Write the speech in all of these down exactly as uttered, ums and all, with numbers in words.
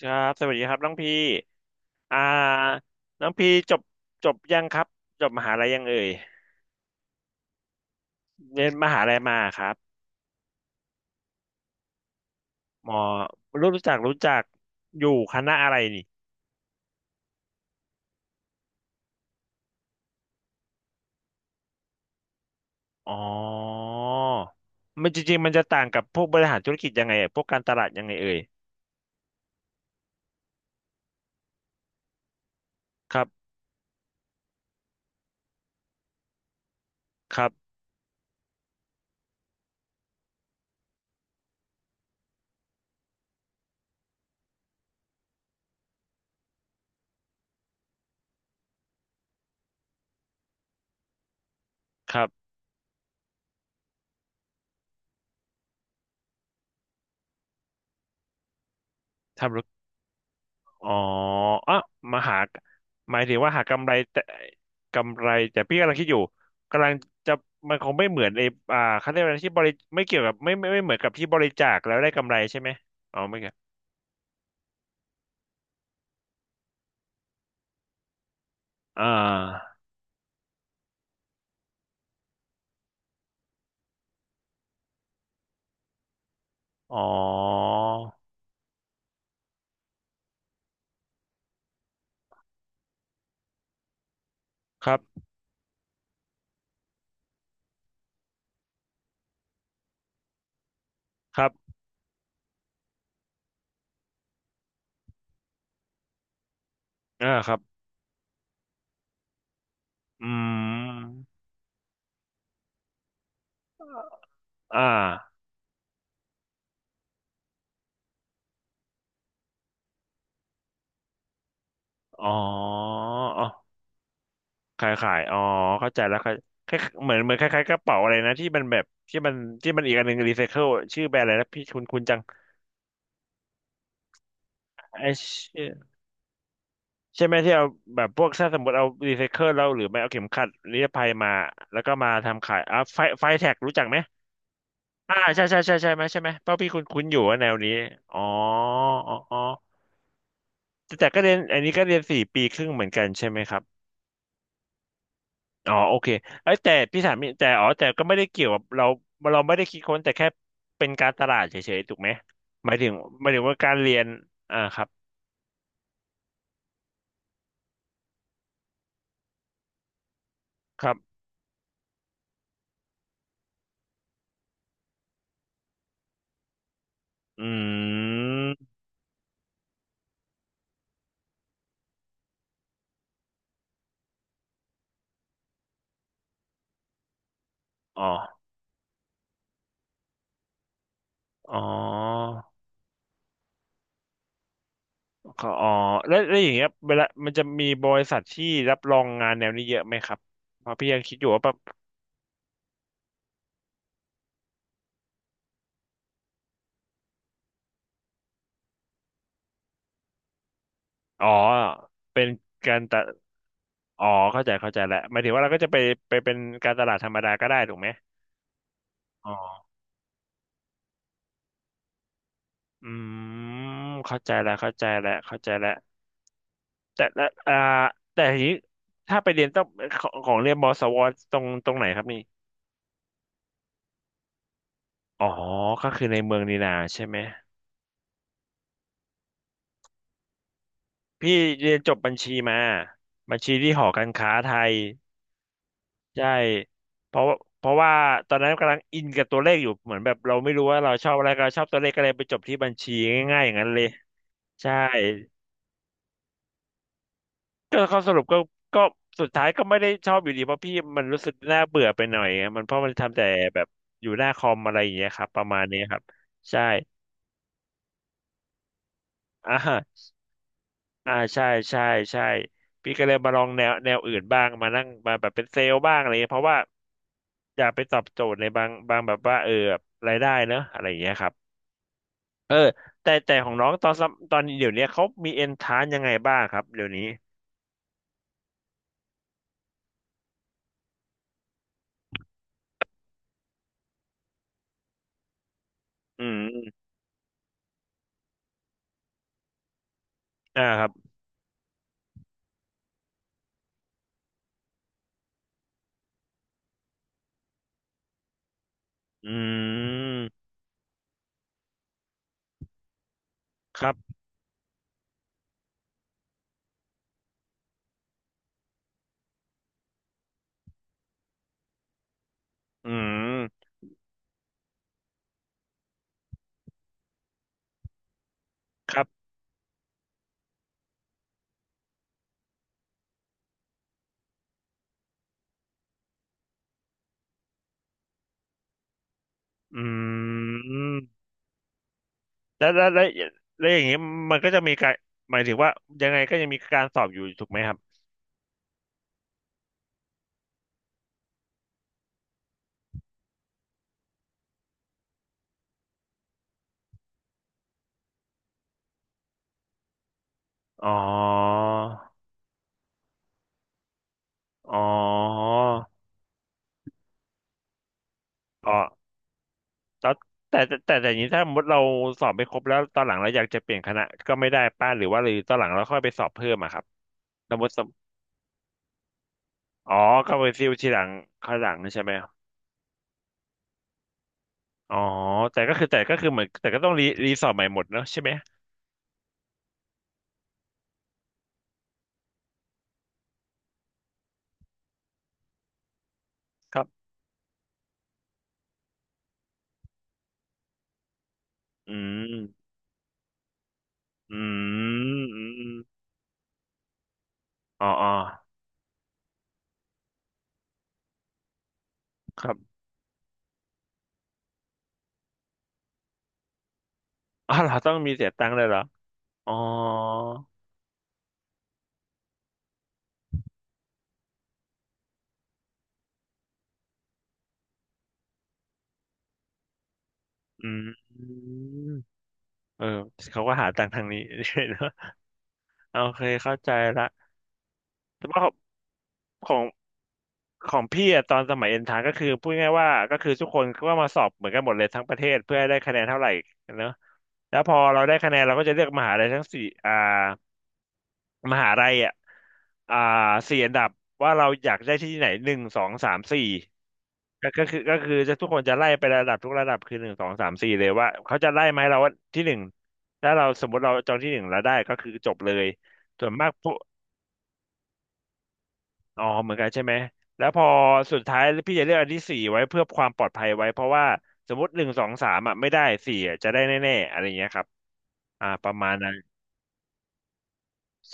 ครับสวัสดีครับน้องพี่อ่าน้องพี่จบจบยังครับจบมหาลัยยังเอ่ยเรียนมหาลัยมาครับหมอรู้รู้จักรู้จักอยู่คณะอะไรนี่อ๋อมันจริงๆมันจะต่างกับพวกบริหารธุรกิจยังไงอะพวกการตลาดยังไงเอ่ยครับครับครับทำ อ๋ออ่ะมาหาหมายถึงว่าหากำไรแต่กำไรแต่พี่กำลังคิดอยู่กำลังจะมันคงไม่เหมือนไอ้อ่าเขาเรียกว่าอะไรที่บริไม่เกี่ยวกับไม่ไม่ไม่เหมือนกับที่บริจาคแล้วได้กำไรใช่ไหมอ๋อไม่เกี่ยวอ่าอ๋อครับครับอ่าครับอืมอ่าอ๋ออ๋อขายขายอ๋อเข้าใจแล้วคล้ายเหมือนเหมือนคล้ายๆกระเป๋าอะไรนะที่มันแบบที่มันที่มันอีกอันหนึ่งรีไซเคิลชื่อแบรนด์อะไรนะพี่คุณคุณจังไอ ใช่ไหมที่เอาแบบพวกถ้าสมมติเอารีไซเคิลเราหรือไม่เอาเข็มขัดนิรภัยมาแล้วก็มาทำขายอ่ะไฟไฟแท็กรู้จักไหมอ่าใช่ใช่ใช่ใช่ไหมใช่ไหมเพราะพี่คุ้นคุ้นอยู่ว่าแนวนี้อ๋ออ๋ออ๋อแต่แต่ก็เรียนอันนี้ก็เรียนสี่ปีครึ่งเหมือนกันใช่ไหมครับอ๋อโอเคเอ้ยแต่พี่ถามนิดแต่อ๋อแต่ก็ไม่ได้เกี่ยวกับเราเราไม่ได้คิดค้นแต่แค่เป็นการตลาดเฉยๆถูกไหมหมายถึงหมายถึงว่าการเรียนอ่าครับครับอืมอ๋ออ๋อ เขาอ๋อแล้วแล้วอย่างเงี้ยเวลามันจะมีบริษัทที่รับรองงานแนวนี้เยอะไหมครับเพราะพี่ยังคิดอยู่ว่าแบบอ๋อเป็นการตะอ๋อเข้าใจเข้าใจแล้วหมายถึงว่าเราก็จะไปไปเป็นการตลาดธรรมดาก็ได้ถูกไหมอ๋ออืมเข้าใจแล้วเข้าใจแล้วเข้าใจแล้วแต่ละอ่าแต่ทีนี้ถ้าไปเรียนต้องของของเรียนมสวตรงตรงไหนครับนี่อ๋อก็คือในเมืองนีนาใช่ไหมพี่เรียนจบบัญชีมาบัญชีที่หอการค้าไทย ใช่เพราะเพราะว่าตอนนั้นกำลังอินกับตัวเลขอยู่เหมือนแบบเราไม่รู้ว่าเราชอบอะไรก็เราชอบตัวเลขก็เลยไปจบที่บัญชีง่ายๆอย่างนั้นเลยใช่ก็เขาสรุปก็ก็สุดท้ายก็ไม่ได้ชอบอยู่ดีเพราะพี่มันรู้สึกน่าเบื่อไปหน่อยอะมันเพราะมันทำแต่แบบอยู่หน้าคอมอะไรอย่างเงี้ยครับประมาณนี้ครับใช่อ่าอ่าใช่ใช่ใช่พี่ก็เลยมาลองแนวแนวอื่นบ้างมานั่งมาแบบเป็นเซลล์บ้างอะไรเงี้ยเพราะว่าอยากไปตอบโจทย์ในบางบางแบบว่าเออรายได้เนอะอะไรอย่างเงี้ยครับ เออแต่แต่ของน้องตอนสมตอนเดี๋ยวเนี้ยเขามีเอนทานยังไงบ้างครับเดี๋ยวนี้อืมอ่าครับอืมครับอืมครับอืมแล้วแล้วแล้วแล้วอย่างนี้มันก็จะมีการหมายถึงว่ายังไงก็ยังมีการสอบอยู่ถูกไหมครับอ๋ออ๋ออ๋อแล้วแต่แต่แต่แต่อย่างนี้ถ้าสมมติเราสอบไม่ครบแล้วตอนหลังเราอยากจะเปลี่ยนคณะก็ไม่ได้ป้าหรือว่าหรือตอนหลังเราค่อยไปสอบเพิ่มอะครับสมมติ อ๋อก็ไปซิลทีหลังข้างหลังใช่ไหมอ๋อแต่ก็คือแต่ก็คือเหมือนแต่ก็ต้องรีรีสอร์ทใหม่หมดเนอะใช่ไหมครับอืมอืมอืมอมอ๋ออ๋อครับอ๋อเราต้องมีเสียตังค์เลยเหรออ๋ออืมเออเขาก็หาตังค์ทางนี้ เนอะโอเคเข้าใจละแต่ว่าของของพี่อะตอนสมัยเอ็นทรานก็คือพูดง่ายๆว่าก็คือทุกคนก็มาสอบเหมือนกันหมดเลยทั้งประเทศเพื่อให้ได้คะแนนเท่าไหร่เนอะ แล้วพอเราได้คะแนนเราก็จะเลือกมหาลัยทั้งสี่อ่ามหาลัยอ่ะอ่าสี่อันดับว่าเราอยากได้ที่ไหนหนึ่งสองสามสี่ก็ก็คือก็คือจะทุกคนจะไล่ไประดับทุกระดับคือหนึ่งสองสามสี่เลยว่าเขาจะไล่ไหมาให้เราว่าที่หนึ่งถ้าเราสมมติเราจองที่หนึ่งแล้วได้ก็คือจบเลยส่วนมากพวกอ๋อเหมือนกันใช่ไหมแล้วพอสุดท้ายพี่จะเลือกอันที่สี่ไว้เพื่อความปลอดภัยไว้เพราะว่าสมมติหนึ่งสองสามอ่ะไม่ได้สี่อะจะได้แน่ๆอะไรอย่างเงี้ยครับอ่าประมาณนั้น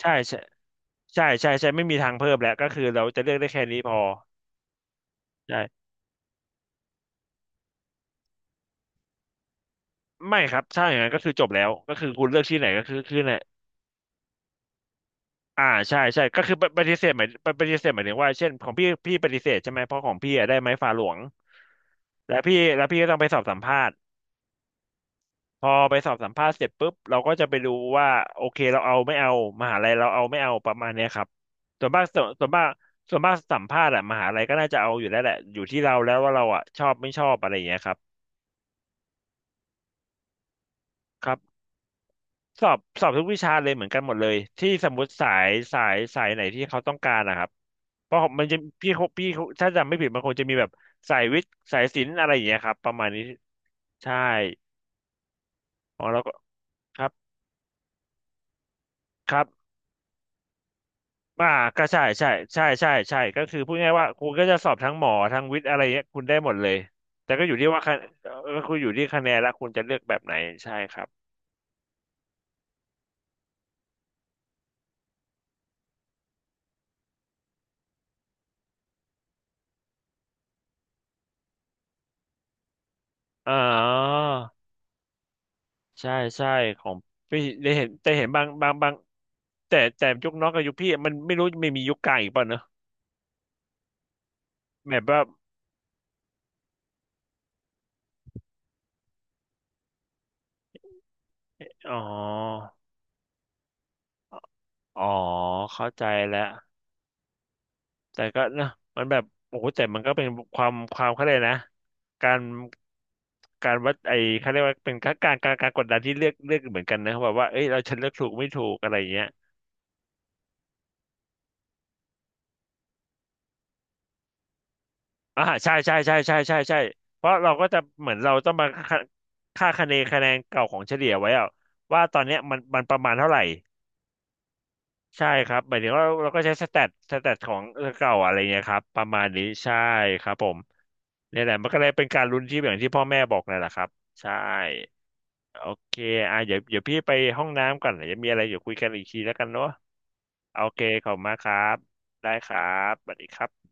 ใช่ใช่ใช่ใช่ใช่ไม่มีทางเพิ่มแล้วก็คือเราจะเลือกได้แค่นี้พอใช่ไม่ครับถ้าอย่างนั้นก็คือจบแล้วก็คือคุณเลือกที่อไหนก็คือคือไหนอ่าใช่ใช่ก็คือปปฏิเสธหมายปปฏิเสธหมายถึงว่าเช่นของพี่พี่ปฏิเสธใช่ไหมเพราะของพี่อะได้ไม้ฟาหลวงแล้วพี่แล้วพี่ก็ต้องไปสอบสัมภาษณ์พอไปสอบสัมภาษณ์เสร็จปุ๊บเราก็จะไปดูว่าโอเคเราเอาไม่เอามหาลัยเราเอาไม่เอาประมาณเนี้ยครับส่วนมากส่วนส่วนมากส่วนมากสัมภาษณ์อะมหาลัยก็น่าจะเอาอยู่แล้วแหละอยู่ที่เราแล้วว่าเราอะชอบไม่ชอบอะไรอย่างเงี้ยครับ ครับสอบสอบทุกวิชาเลยเหมือนกันหมดเลยที่สมมติสายสายสายไหนที่เขาต้องการนะครับเพราะมันจะพี่เขาพี่เขาถ้าจำไม่ผิดมันคงจะมีแบบสายวิทย์สายศิลป์อะไรอย่างเงี้ยครับประมาณนี้ใช่ของเราก็ครับครับอ่าก็ใช่ใช่ใช่ใช่ใช่ก็คือพูดง่ายๆว่าคุณก็จะสอบทั้งหมอทั้งวิทย์อะไรเงี้ยคุณได้หมดเลยแต่ก็อยู่ที่ว่าคะเอ่อก็คืออยู่ที่คะแนนแลวคุณจะเลือกแบบไหนใช่ครับอ๋อ ใช่ใช่ของพี่ได้เห็นแต่เห็นบางบางบางแต่แต่ยุคน้องกับยุคพี่มันไม่รู้ไม่มียุคกลางอีกป่ะเนอะแบบว่าอ๋ออ๋อเข้าใจแล้วแต่ก็นะมันแบบโอ้โหแต่มันก็เป็นความความเขาเรียกนะการการวัดไอ้เขาเรียกว่าเป็นการการการการกดดันที่เลือกเลือกเหมือนกันนะแบบว่าเอ้ยเราฉันเลือกถูกไม่ถูกอะไรอย่างเงี้ย อ่าใช่ใช่ใช่ใช่ใช่ใช่เพราะเราก็จะเหมือนเราต้องมาค่าค่าคะแนนคะแนนเก่าของเฉลี่ยไว้อะว่าตอนเนี้ยมันมันประมาณเท่าไหร่ใช่ครับหมายถึงว่าเราก็ใช้สแตทสแตทของเก่าอะไรเงี้ยครับประมาณนี้ใช่ครับผมนี่แหละมันก็เลยเป็นการลุ้นที่อย่างที่พ่อแม่บอกนั่นแหละครับใช่โอเคอ่ะเดี๋ยวเดี๋ยวพี่ไปห้องน้ำก่อนเดี๋ยวมีอะไรเดี๋ยวคุยกันอีกทีแล้วกันเนาะโอเคขอบคุณมากครับได้ครับสวัสดีครับ